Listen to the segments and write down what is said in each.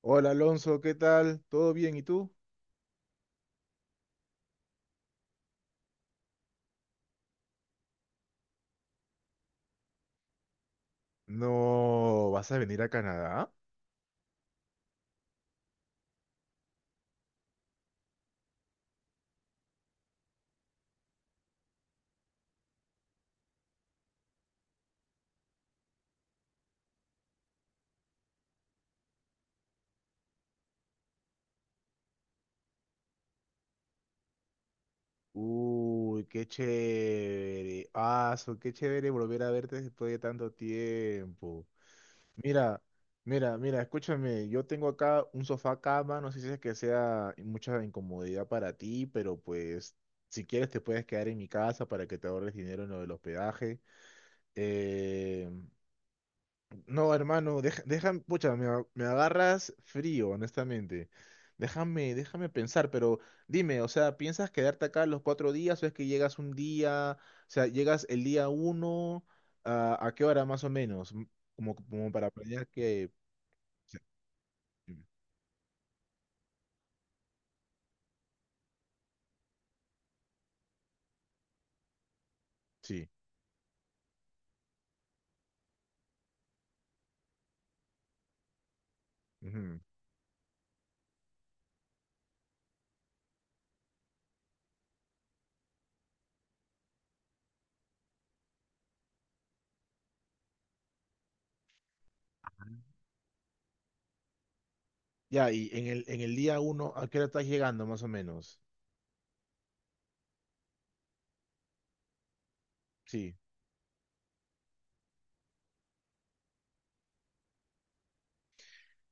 Hola Alonso, ¿qué tal? ¿Todo bien? ¿Y tú? No, ¿vas a venir a Canadá? Uy, qué chévere. Ah, so, qué chévere volver a verte después de tanto tiempo. Mira, mira, mira, escúchame, yo tengo acá un sofá cama, no sé si es que sea mucha incomodidad para ti, pero pues si quieres te puedes quedar en mi casa para que te ahorres dinero en lo del hospedaje. Eh, No, hermano, pucha, me agarras frío, honestamente. Déjame pensar, pero dime, o sea, ¿piensas quedarte acá los 4 días o es que llegas un día, o sea, llegas el día uno, ah, ¿a qué hora más o menos? Como para planear que... Sí. Ujú. Ya, y en el día uno, ¿a qué hora estás llegando más o menos? Sí.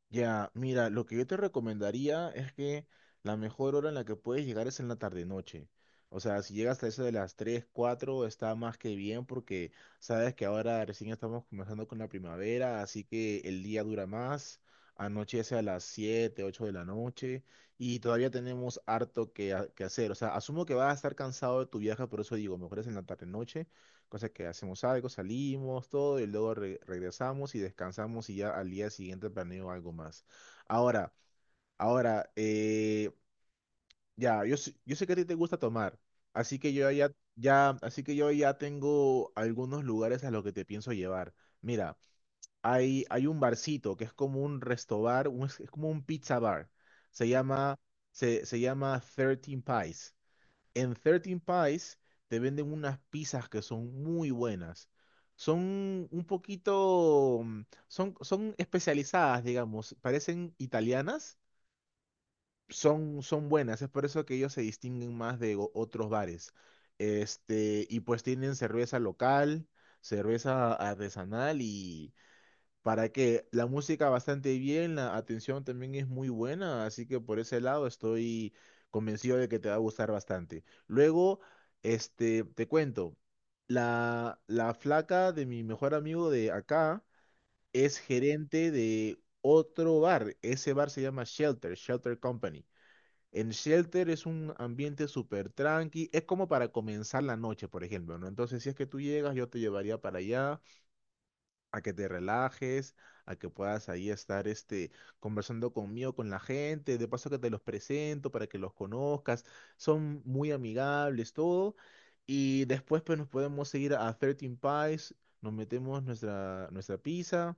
Ya, mira, lo que yo te recomendaría es que la mejor hora en la que puedes llegar es en la tarde-noche. O sea, si llegas hasta eso de las 3, 4 está más que bien porque sabes que ahora recién estamos comenzando con la primavera, así que el día dura más, anochece a las 7, 8 de la noche y todavía tenemos harto que hacer. O sea, asumo que vas a estar cansado de tu viaje, por eso digo, mejor es en la tarde-noche. Cosa que hacemos algo, salimos, todo, y luego regresamos y descansamos y ya al día siguiente planeo algo más. Ahora, ahora, ya, yo sé que a ti te gusta tomar, así que yo ya tengo algunos lugares a los que te pienso llevar. Mira, hay un barcito que es como un restobar, es como un pizza bar. Se llama, se llama 13 Pies. En 13 Pies te venden unas pizzas que son muy buenas. Son un poquito, son especializadas, digamos, parecen italianas, son buenas, es por eso que ellos se distinguen más de otros bares. Este, y pues tienen cerveza local, cerveza artesanal y, para que la música bastante bien, la atención también es muy buena, así que por ese lado estoy convencido de que te va a gustar bastante. Luego, este, te cuento, la flaca de mi mejor amigo de acá es gerente de otro bar, ese bar se llama Shelter Company. En Shelter es un ambiente súper tranqui, es como para comenzar la noche, por ejemplo, ¿no? Entonces, si es que tú llegas, yo te llevaría para allá a que te relajes, a que puedas ahí estar este, conversando conmigo, con la gente, de paso que te los presento para que los conozcas, son muy amigables, todo, y después pues nos podemos seguir a 13 Pies, nos metemos nuestra pizza,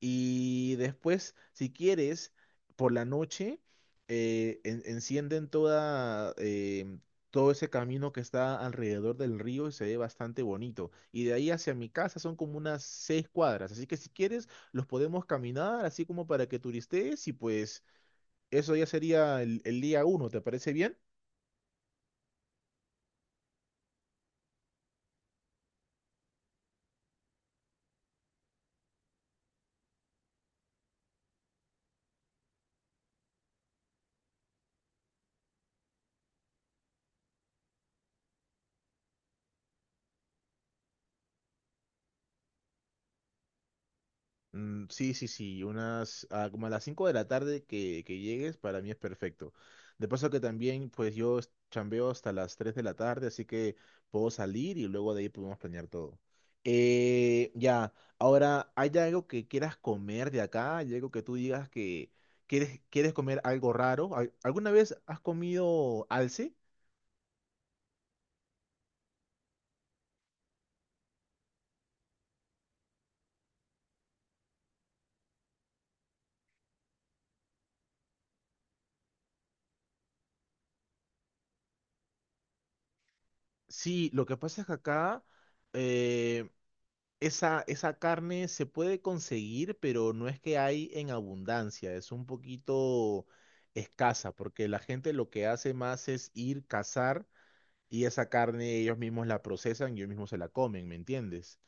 y después, si quieres, por la noche, encienden todo ese camino que está alrededor del río y se ve bastante bonito. Y de ahí hacia mi casa son como unas 6 cuadras. Así que si quieres, los podemos caminar, así como para que turistees y pues eso ya sería el día uno. ¿Te parece bien? Mm, sí, sí, sí, como a las 5 de la tarde que llegues, para mí es perfecto. De paso que también, pues yo chambeo hasta las 3 de la tarde, así que puedo salir y luego de ahí podemos planear todo. Ya, ahora, ¿hay algo que quieras comer de acá? ¿Hay algo que tú digas que quieres comer algo raro? ¿Alguna vez has comido alce? Sí, lo que pasa es que acá, eh, esa carne se puede conseguir, pero no es que hay en abundancia, es un poquito escasa, porque la gente lo que hace más es ir cazar y esa carne ellos mismos la procesan y ellos mismos se la comen, ¿me entiendes?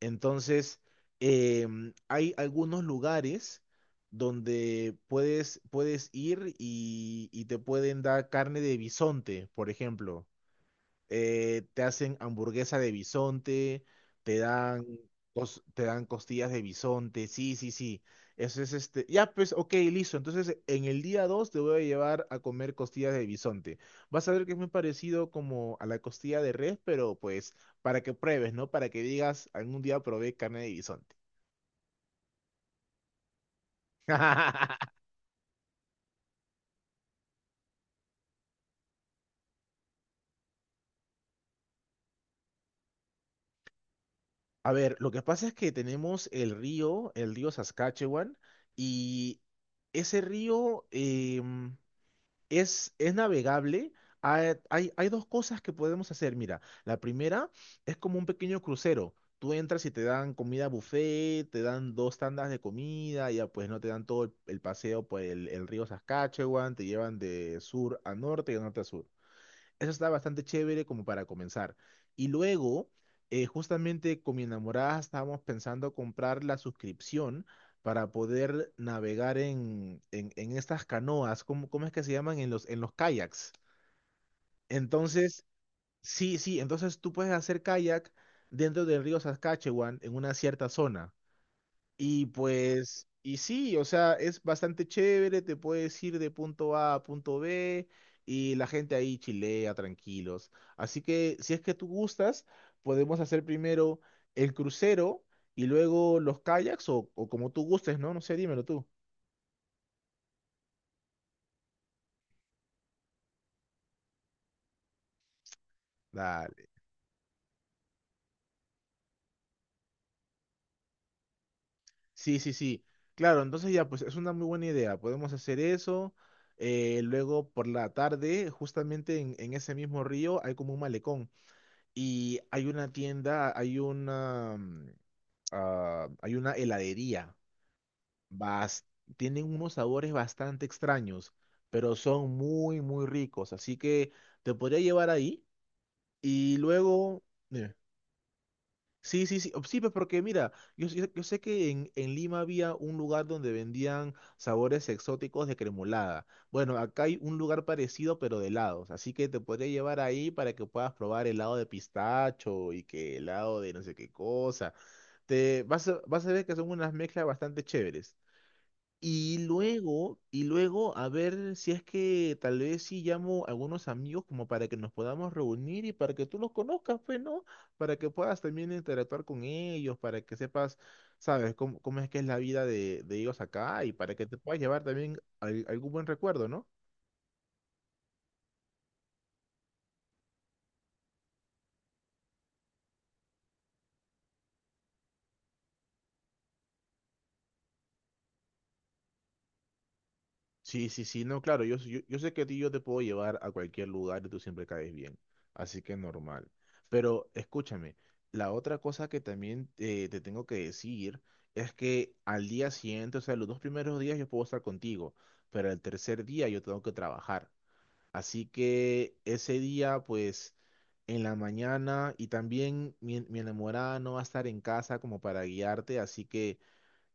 Entonces, hay algunos lugares donde puedes ir y te pueden dar carne de bisonte, por ejemplo. Te hacen hamburguesa de bisonte, te dan, te dan costillas de bisonte, sí, sí, sí. Eso es este. Ya, pues, ok, listo. Entonces, en el día 2 te voy a llevar a comer costillas de bisonte. Vas a ver que es muy parecido como a la costilla de res, pero pues para que pruebes, ¿no? Para que digas, algún día probé carne de bisonte. A ver, lo que pasa es que tenemos el río Saskatchewan, y ese río, es navegable. Hay dos cosas que podemos hacer. Mira, la primera es como un pequeño crucero. Tú entras y te dan comida buffet, te dan dos tandas de comida, ya pues no te dan todo el paseo por el río Saskatchewan, te llevan de sur a norte y de norte a sur. Eso está bastante chévere como para comenzar. Y luego, justamente con mi enamorada estábamos pensando comprar la suscripción para poder navegar en estas canoas, ¿cómo es que se llaman? En los kayaks. Entonces, sí, sí, entonces tú puedes hacer kayak dentro del río Saskatchewan en una cierta zona. Y pues, y sí, o sea, es bastante chévere, te puedes ir de punto A a punto B y la gente ahí chilea tranquilos. Así que si es que tú gustas, podemos hacer primero el crucero y luego los kayaks o como tú gustes, ¿no? No sé, dímelo tú. Dale. Sí, sí, sí. Claro, entonces ya, pues es una muy buena idea. Podemos hacer eso. Luego por la tarde, justamente en ese mismo río, hay como un malecón. Y hay una tienda, hay una heladería. bas- Tienen unos sabores bastante extraños, pero son muy, muy ricos. Así que te podría llevar ahí y luego... dime. Sí, sí, sí, sí, pues porque mira, yo sé que en Lima había un lugar donde vendían sabores exóticos de cremolada. Bueno, acá hay un lugar parecido pero de helados, así que te podría llevar ahí para que puedas probar helado de pistacho y que helado de no sé qué cosa. Vas a ver que son unas mezclas bastante chéveres. Y luego, a ver si es que tal vez sí llamo a algunos amigos como para que nos podamos reunir y para que tú los conozcas, pues, ¿no? Para que puedas también interactuar con ellos, para que sepas, sabes, cómo es que es la vida de ellos acá y para que te puedas llevar también algún buen recuerdo, ¿no? Sí, sí, sí, no, claro, yo sé que a ti yo te puedo llevar a cualquier lugar y tú siempre caes bien, así que normal. Pero escúchame, la otra cosa que también te tengo que decir es que al día siguiente, o sea, los dos primeros días yo puedo estar contigo, pero el tercer día yo tengo que trabajar. Así que ese día, pues, en la mañana y también mi enamorada no va a estar en casa como para guiarte, así que...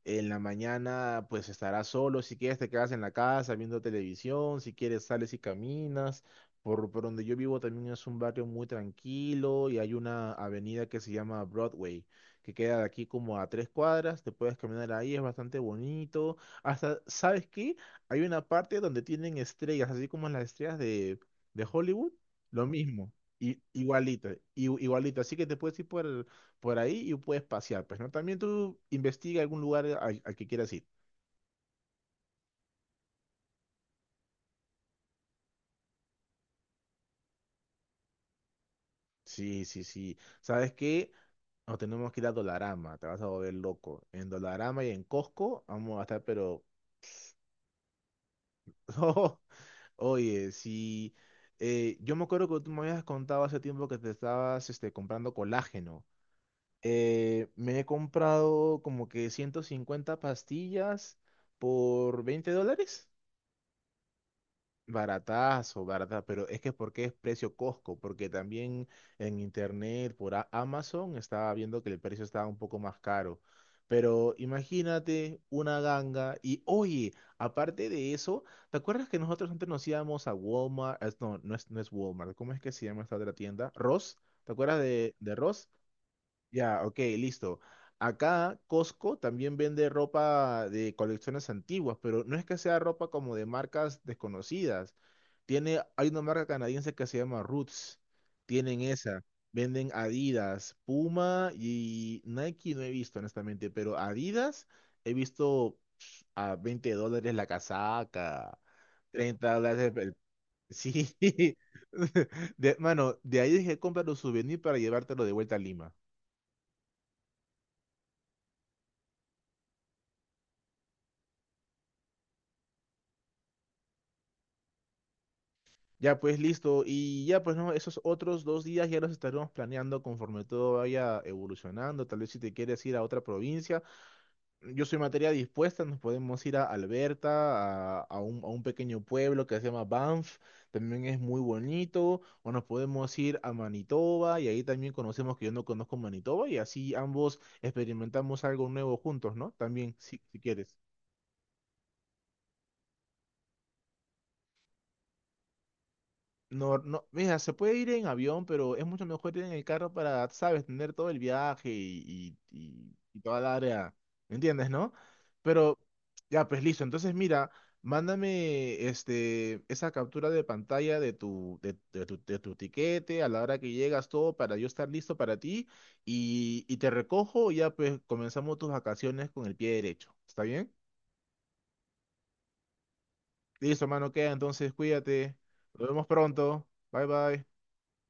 En la mañana, pues estarás solo. Si quieres, te quedas en la casa viendo televisión. Si quieres, sales y caminas. Por donde yo vivo también es un barrio muy tranquilo y hay una avenida que se llama Broadway, que queda de aquí como a 3 cuadras. Te puedes caminar ahí, es bastante bonito. Hasta, ¿sabes qué? Hay una parte donde tienen estrellas, así como las estrellas de Hollywood. Lo mismo, y igualito, igualito. Así que te puedes ir por ahí y puedes pasear, pues, ¿no? También tú investiga algún lugar al que quieras ir. Sí, sí, sí. ¿Sabes qué? Nos tenemos que ir a Dolarama, te vas a volver loco. En Dolarama y en Costco vamos a estar, pero... oye, sí. Yo me acuerdo que tú me habías contado hace tiempo que te estabas comprando colágeno. Me he comprado como que 150 pastillas por $20. Baratazo, barata, pero es que porque es precio Costco, porque también en internet por Amazon estaba viendo que el precio estaba un poco más caro. Pero imagínate una ganga y oye, aparte de eso, ¿te acuerdas que nosotros antes nos íbamos a Walmart? No, no es Walmart, ¿cómo es que se llama esta otra tienda? Ross, ¿te acuerdas de Ross? Ya, ok, listo. Acá Costco también vende ropa de colecciones antiguas, pero no es que sea ropa como de marcas desconocidas. Hay una marca canadiense que se llama Roots. Tienen esa. Venden Adidas, Puma y Nike no he visto, honestamente, pero Adidas he visto a $20 la casaca, $30 el... Sí. Mano, de ahí dije, comprar un souvenir para llevártelo de vuelta a Lima. Ya pues listo, y ya pues no, esos otros dos días ya los estaremos planeando conforme todo vaya evolucionando, tal vez si te quieres ir a otra provincia, yo soy materia dispuesta, nos podemos ir a Alberta, a un pequeño pueblo que se llama Banff, también es muy bonito, o nos podemos ir a Manitoba y ahí también conocemos que yo no conozco Manitoba y así ambos experimentamos algo nuevo juntos, ¿no? También, si quieres. No, no, mira, se puede ir en avión, pero es mucho mejor ir en el carro para, sabes, tener todo el viaje y toda la área. ¿Me entiendes, no? Pero, ya, pues listo. Entonces, mira, mándame este, esa captura de pantalla de tu tiquete a la hora que llegas, todo para yo estar listo para ti y te recojo y ya, pues comenzamos tus vacaciones con el pie derecho. ¿Está bien? Listo, mano, queda. Entonces, cuídate. Nos vemos pronto. Bye, bye.